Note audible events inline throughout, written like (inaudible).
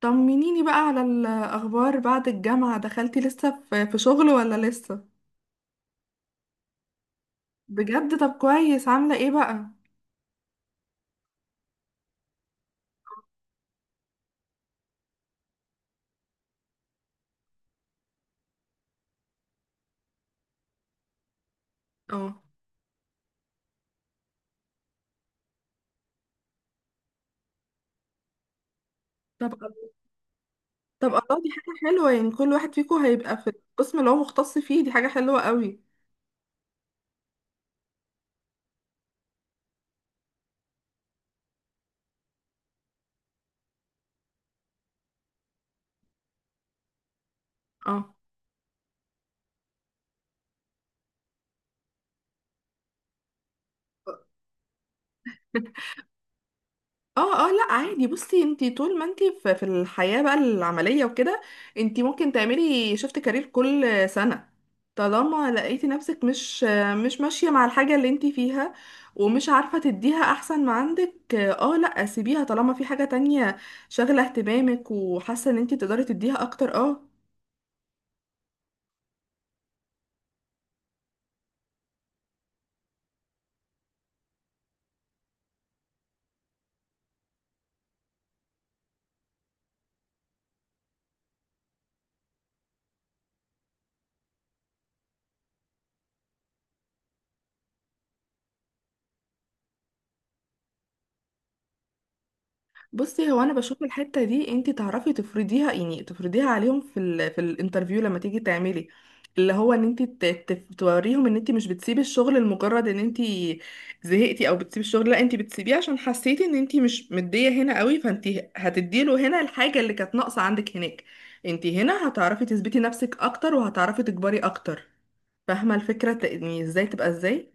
طمنيني بقى على الأخبار بعد الجامعة دخلتي لسه في شغل ولا لسه؟ بجد طب كويس عاملة ايه بقى؟ اه. طب طب الله، دي حاجة حلوة، يعني كل واحد فيكم هيبقى في القسم اللي هو مختص فيه، دي حاجة حلوة قوي. اه اه اه، لا عادي، بصي انتي طول ما انتي في الحياة بقى العملية وكده، انتي ممكن تعملي شفت كارير كل سنة، طالما لقيتي نفسك مش ماشية مع الحاجة اللي انتي فيها، ومش عارفة تديها احسن ما عندك. اه، لا سيبيها طالما في حاجة تانية شاغلة اهتمامك، وحاسة ان انتي تقدري تديها اكتر. اه، بصي هو انا بشوف الحته دي انت تعرفي تفرضيها، يعني تفرضيها عليهم في الانترفيو لما تيجي تعملي، اللي هو ان انت توريهم ان انت مش بتسيبي الشغل لمجرد ان انت زهقتي، او بتسيبي الشغل، لا انت بتسيبيه عشان حسيتي ان انت مش مديه هنا قوي، فانت هتديله هنا الحاجه اللي كانت ناقصه عندك هناك. انت هنا هتعرفي تثبتي نفسك اكتر، وهتعرفي تكبري اكتر. فاهمه الفكره، يعني ازاي تبقى ازاي.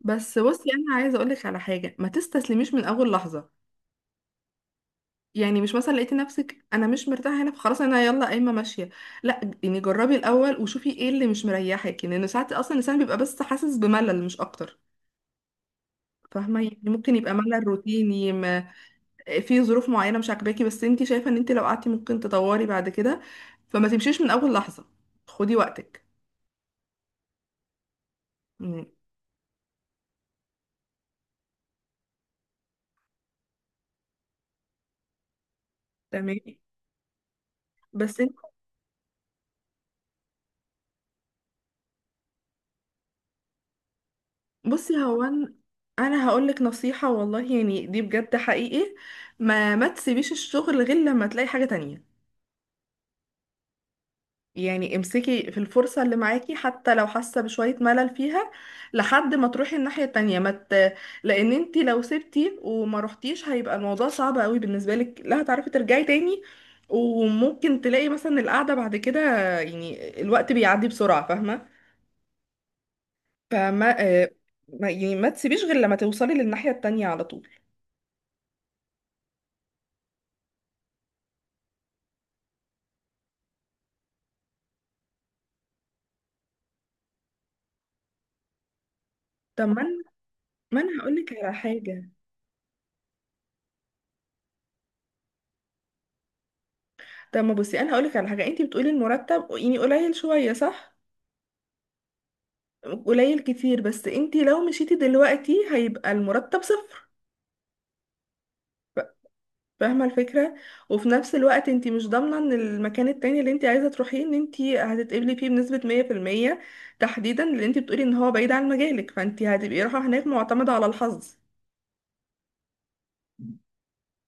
بس بصي انا عايزه اقولك على حاجه، ما تستسلميش من اول لحظه، يعني مش مثلا لقيتي نفسك انا مش مرتاحه هنا فخلاص انا يلا قايمه ماشيه، لا يعني جربي الاول وشوفي ايه اللي مش مريحك، لان ساعات اصلا الانسان بيبقى بس حاسس بملل مش اكتر. فاهمه، يعني ممكن يبقى ملل روتيني، ما في ظروف معينه مش عاجباكي، بس انت شايفه ان انت لو قعدتي ممكن تطوري بعد كده، فما تمشيش من اول لحظه، خدي وقتك. مم. تمام. بس انت، بصي هو انا هقولك نصيحه والله، يعني دي بجد حقيقي، ما تسيبيش الشغل غير لما تلاقي حاجه تانية، يعني امسكي في الفرصة اللي معاكي حتى لو حاسة بشوية ملل فيها، لحد ما تروحي الناحية التانية، ما ت... لأن انتي لو سبتي وما روحتيش هيبقى الموضوع صعب قوي بالنسبة لك، لا هتعرفي ترجعي تاني، وممكن تلاقي مثلا القعدة بعد كده، يعني الوقت بيعدي بسرعة. فاهمة؟ فما آه، ما يعني ما تسيبيش غير لما توصلي للناحية التانية على طول. طب ما انا هقولك على حاجة، طب ما بصي انا هقولك على حاجة، انتي بتقولي المرتب يعني قليل شوية، صح؟ قليل كتير، بس انتي لو مشيتي دلوقتي هيبقى المرتب صفر. ف- فاهمة الفكرة. وفي نفس الوقت انتي مش ضامنة ان المكان التاني اللي انتي عايزة تروحيه ان انتي هتتقبلي فيه بنسبة مية في المية، تحديدا لان انتي بتقولي ان هو بعيد عن مجالك، فانتي هتبقي رايحة هناك معتمدة على الحظ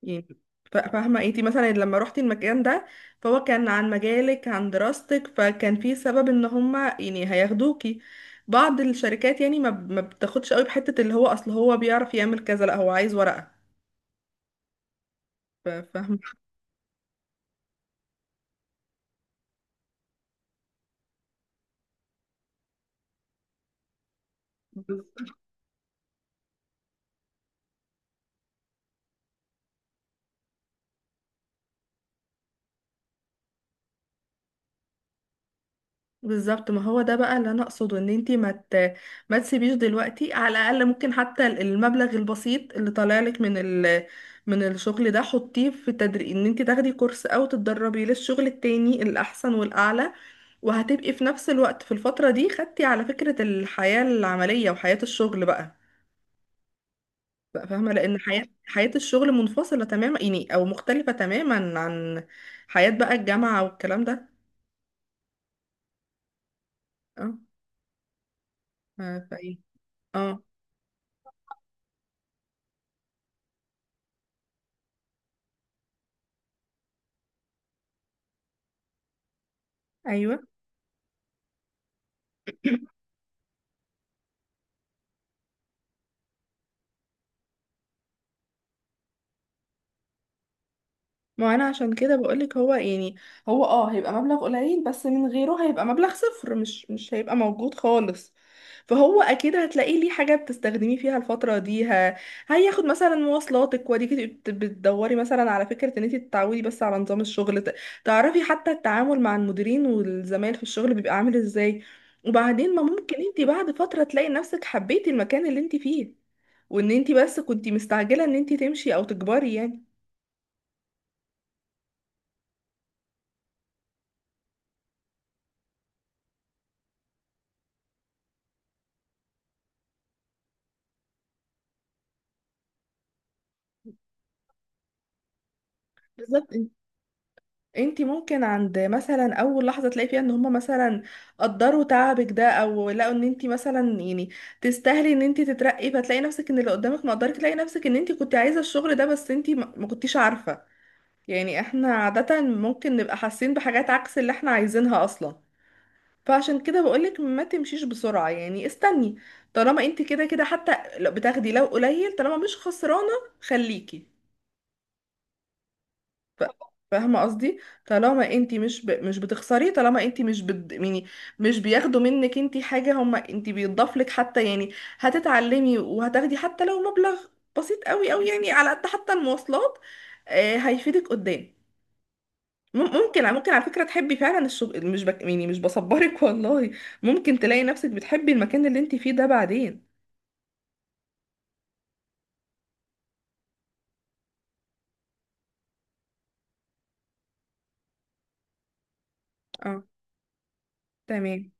يعني. فاهمة، انتي مثلا لما روحتي المكان ده فهو كان عن مجالك، عن دراستك، فكان في سبب ان هما يعني هياخدوكي. بعض الشركات يعني ما بتاخدش قوي بحتة اللي هو اصل هو بيعرف يعمل كذا، لا هو عايز ورقة. فاهمة. بالظبط، ما هو ده بقى اللي انا اقصده، ان انتي ما تسيبيش دلوقتي، على الاقل ممكن حتى المبلغ البسيط اللي طالع لك من من الشغل ده حطيه في تدريب، ان انتي تاخدي كورس او تتدربي للشغل التاني الاحسن والاعلى، وهتبقي في نفس الوقت في الفترة دي خدتي على فكرة الحياة العملية وحياة الشغل بقى، بقى فاهمة، لان حياة، الشغل منفصلة تماما يعني، او مختلفة تماما عن حياة بقى الجامعة والكلام ده. اه. فايه. اه. ايوه، ما انا عشان كده بقولك، هو يعني هو، هيبقى مبلغ قليل بس من غيره هيبقى مبلغ صفر، مش هيبقى موجود خالص، فهو اكيد هتلاقيه ليه حاجة بتستخدمي فيها الفترة دي، هياخد مثلا مواصلاتك، وديكي بتدوري مثلا على فكرة ان انت تتعودي بس على نظام الشغل، تعرفي حتى التعامل مع المديرين والزمايل في الشغل بيبقى عامل ازاي. وبعدين ما ممكن انت بعد فترة تلاقي نفسك حبيتي المكان اللي انت فيه، وان انت بس كنتي مستعجلة ان انت تمشي او تكبري يعني. بالظبط، انتي ممكن عند مثلا اول لحظه تلاقي فيها ان هما مثلا قدروا تعبك ده، او لقوا ان انتي مثلا يعني تستاهلي ان انتي تترقي، فتلاقي نفسك ان اللي قدامك مقدرك، تلاقي نفسك ان انتي كنتي عايزه الشغل ده بس انتي ما كنتيش عارفه، يعني احنا عاده ممكن نبقى حاسين بحاجات عكس اللي احنا عايزينها اصلا. فعشان كده بقولك ما تمشيش بسرعه، يعني استني، طالما انتي كده كده حتى لو بتاخدي لو قليل، طالما مش خسرانه، خليكي. ف- فاهمه قصدي، طالما انت مش بتخسري، طالما انت مش بد... يعني مش بياخدوا منك انت حاجه هما، انت بيضاف لك حتى يعني، هتتعلمي وهتاخدي حتى لو مبلغ بسيط قوي قوي يعني على قد حتى المواصلات، هيفيدك قدام. ممكن على فكره تحبي فعلا الشغل، مش يعني مش بصبرك (laughs) والله، ممكن تلاقي نفسك بتحبي المكان اللي انت فيه ده بعدين. اه. تمام.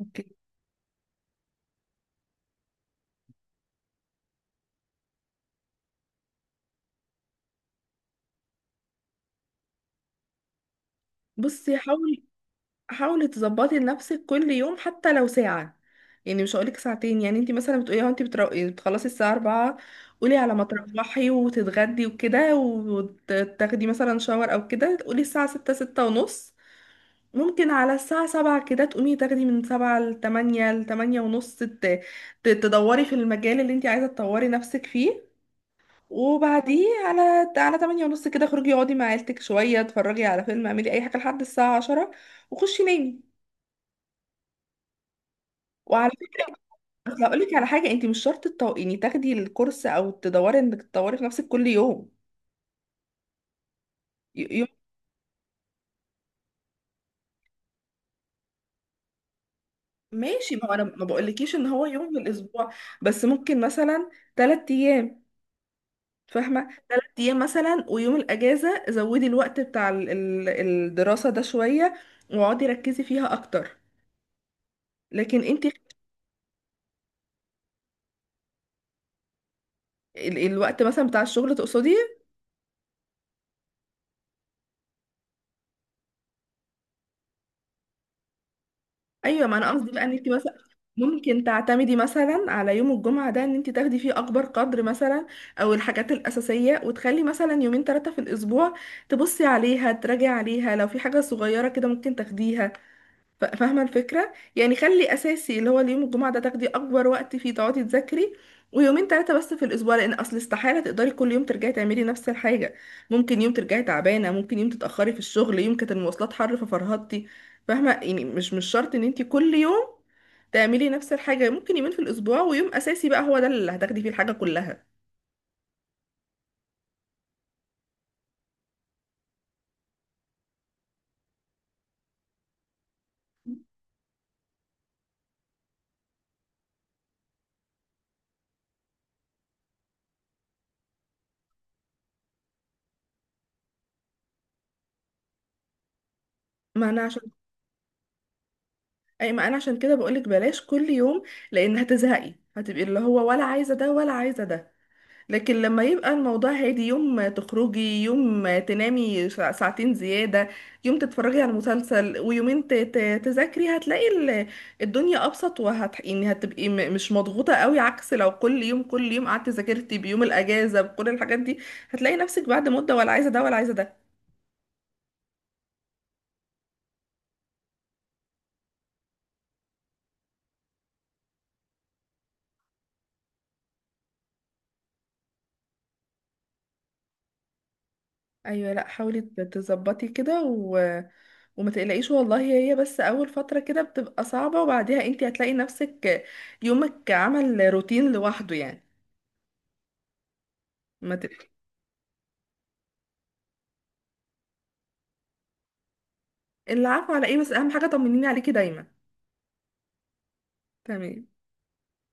اوكي، بصي حاولي، حاولي تظبطي لنفسك كل يوم حتى لو ساعة، يعني مش هقولك ساعتين، يعني انت مثلا بتقولي اه، انت يعني بتخلصي الساعة 4، قولي على ما تروحي وتتغدي وكده، وتاخدي مثلا شاور او كده، تقولي الساعة 6، 6 ونص، ممكن على الساعة 7 كده تقومي تاخدي من 7 ل 8 ل 8 ونص، تدوري في المجال اللي انت عايزة تطوري نفسك فيه، وبعديه على 8 ونص كده اخرجي اقعدي مع عيلتك شوية، اتفرجي على فيلم، اعملي اي حاجة لحد الساعة 10، وخشي نامي. وعلى فكرة بس هقول لك على حاجة، انت مش شرط يعني تاخدي الكورس او تدوري انك تطوري في نفسك كل يوم، يوم (laughs) ماشي، ما هو انا ما بقولكيش ان هو يوم في الاسبوع، بس ممكن مثلا ثلاث ايام، فاهمة، ثلاث ايام مثلا، ويوم الاجازة زودي الوقت بتاع الدراسة ده شوية، واقعدي ركزي فيها اكتر. لكن انت الوقت مثلا بتاع الشغل تقصدي؟ ايوه، ما انا قصدي بقى ان انت مثلا ممكن تعتمدي مثلا على يوم الجمعه ده ان انت تاخدي فيه اكبر قدر، مثلا او الحاجات الاساسيه، وتخلي مثلا يومين ثلاثه في الاسبوع تبصي عليها، تراجعي عليها، لو في حاجه صغيره كده ممكن تاخديها. فاهمة الفكرة؟ يعني خلي أساسي اللي هو اليوم الجمعة ده تاخدي أكبر وقت فيه تقعدي تذاكري، ويومين تلاتة بس في الأسبوع، لأن أصل استحالة تقدري كل يوم ترجعي تعملي نفس الحاجة، ممكن يوم ترجعي تعبانة، ممكن يوم تتأخري في الشغل، يوم كانت المواصلات حر ففرهدتي، فاهمة، يعني مش شرط إن انتي كل يوم تعملي نفس الحاجة، ممكن يومين في الأسبوع، ويوم أساسي بقى هو ده اللي هتاخدي فيه الحاجة كلها. ما أنا عشان ما أنا عشان كده بقولك بلاش كل يوم، لأن هتزهقي، هتبقي اللي هو ولا عايزة ده ولا عايزة ده. لكن لما يبقى الموضوع هادي، يوم تخرجي، يوم تنامي ساعتين زيادة، يوم تتفرجي على مسلسل، ويومين تذاكري، هتلاقي الدنيا أبسط، يعني هتبقي مش مضغوطة قوي، عكس لو كل يوم كل يوم قعدتي ذاكرتي بيوم الأجازة بكل الحاجات دي، هتلاقي نفسك بعد مدة ولا عايزة ده ولا عايزة ده. أيوة، لأ حاولي تظبطي كده وما تقلقيش، والله هي بس أول فترة كده بتبقى صعبة، وبعديها انتي هتلاقي نفسك يومك عمل روتين لوحده يعني، ما تقلقيش. العفو، على ايه، بس اهم حاجة طمنيني عليكي دايما. تمام.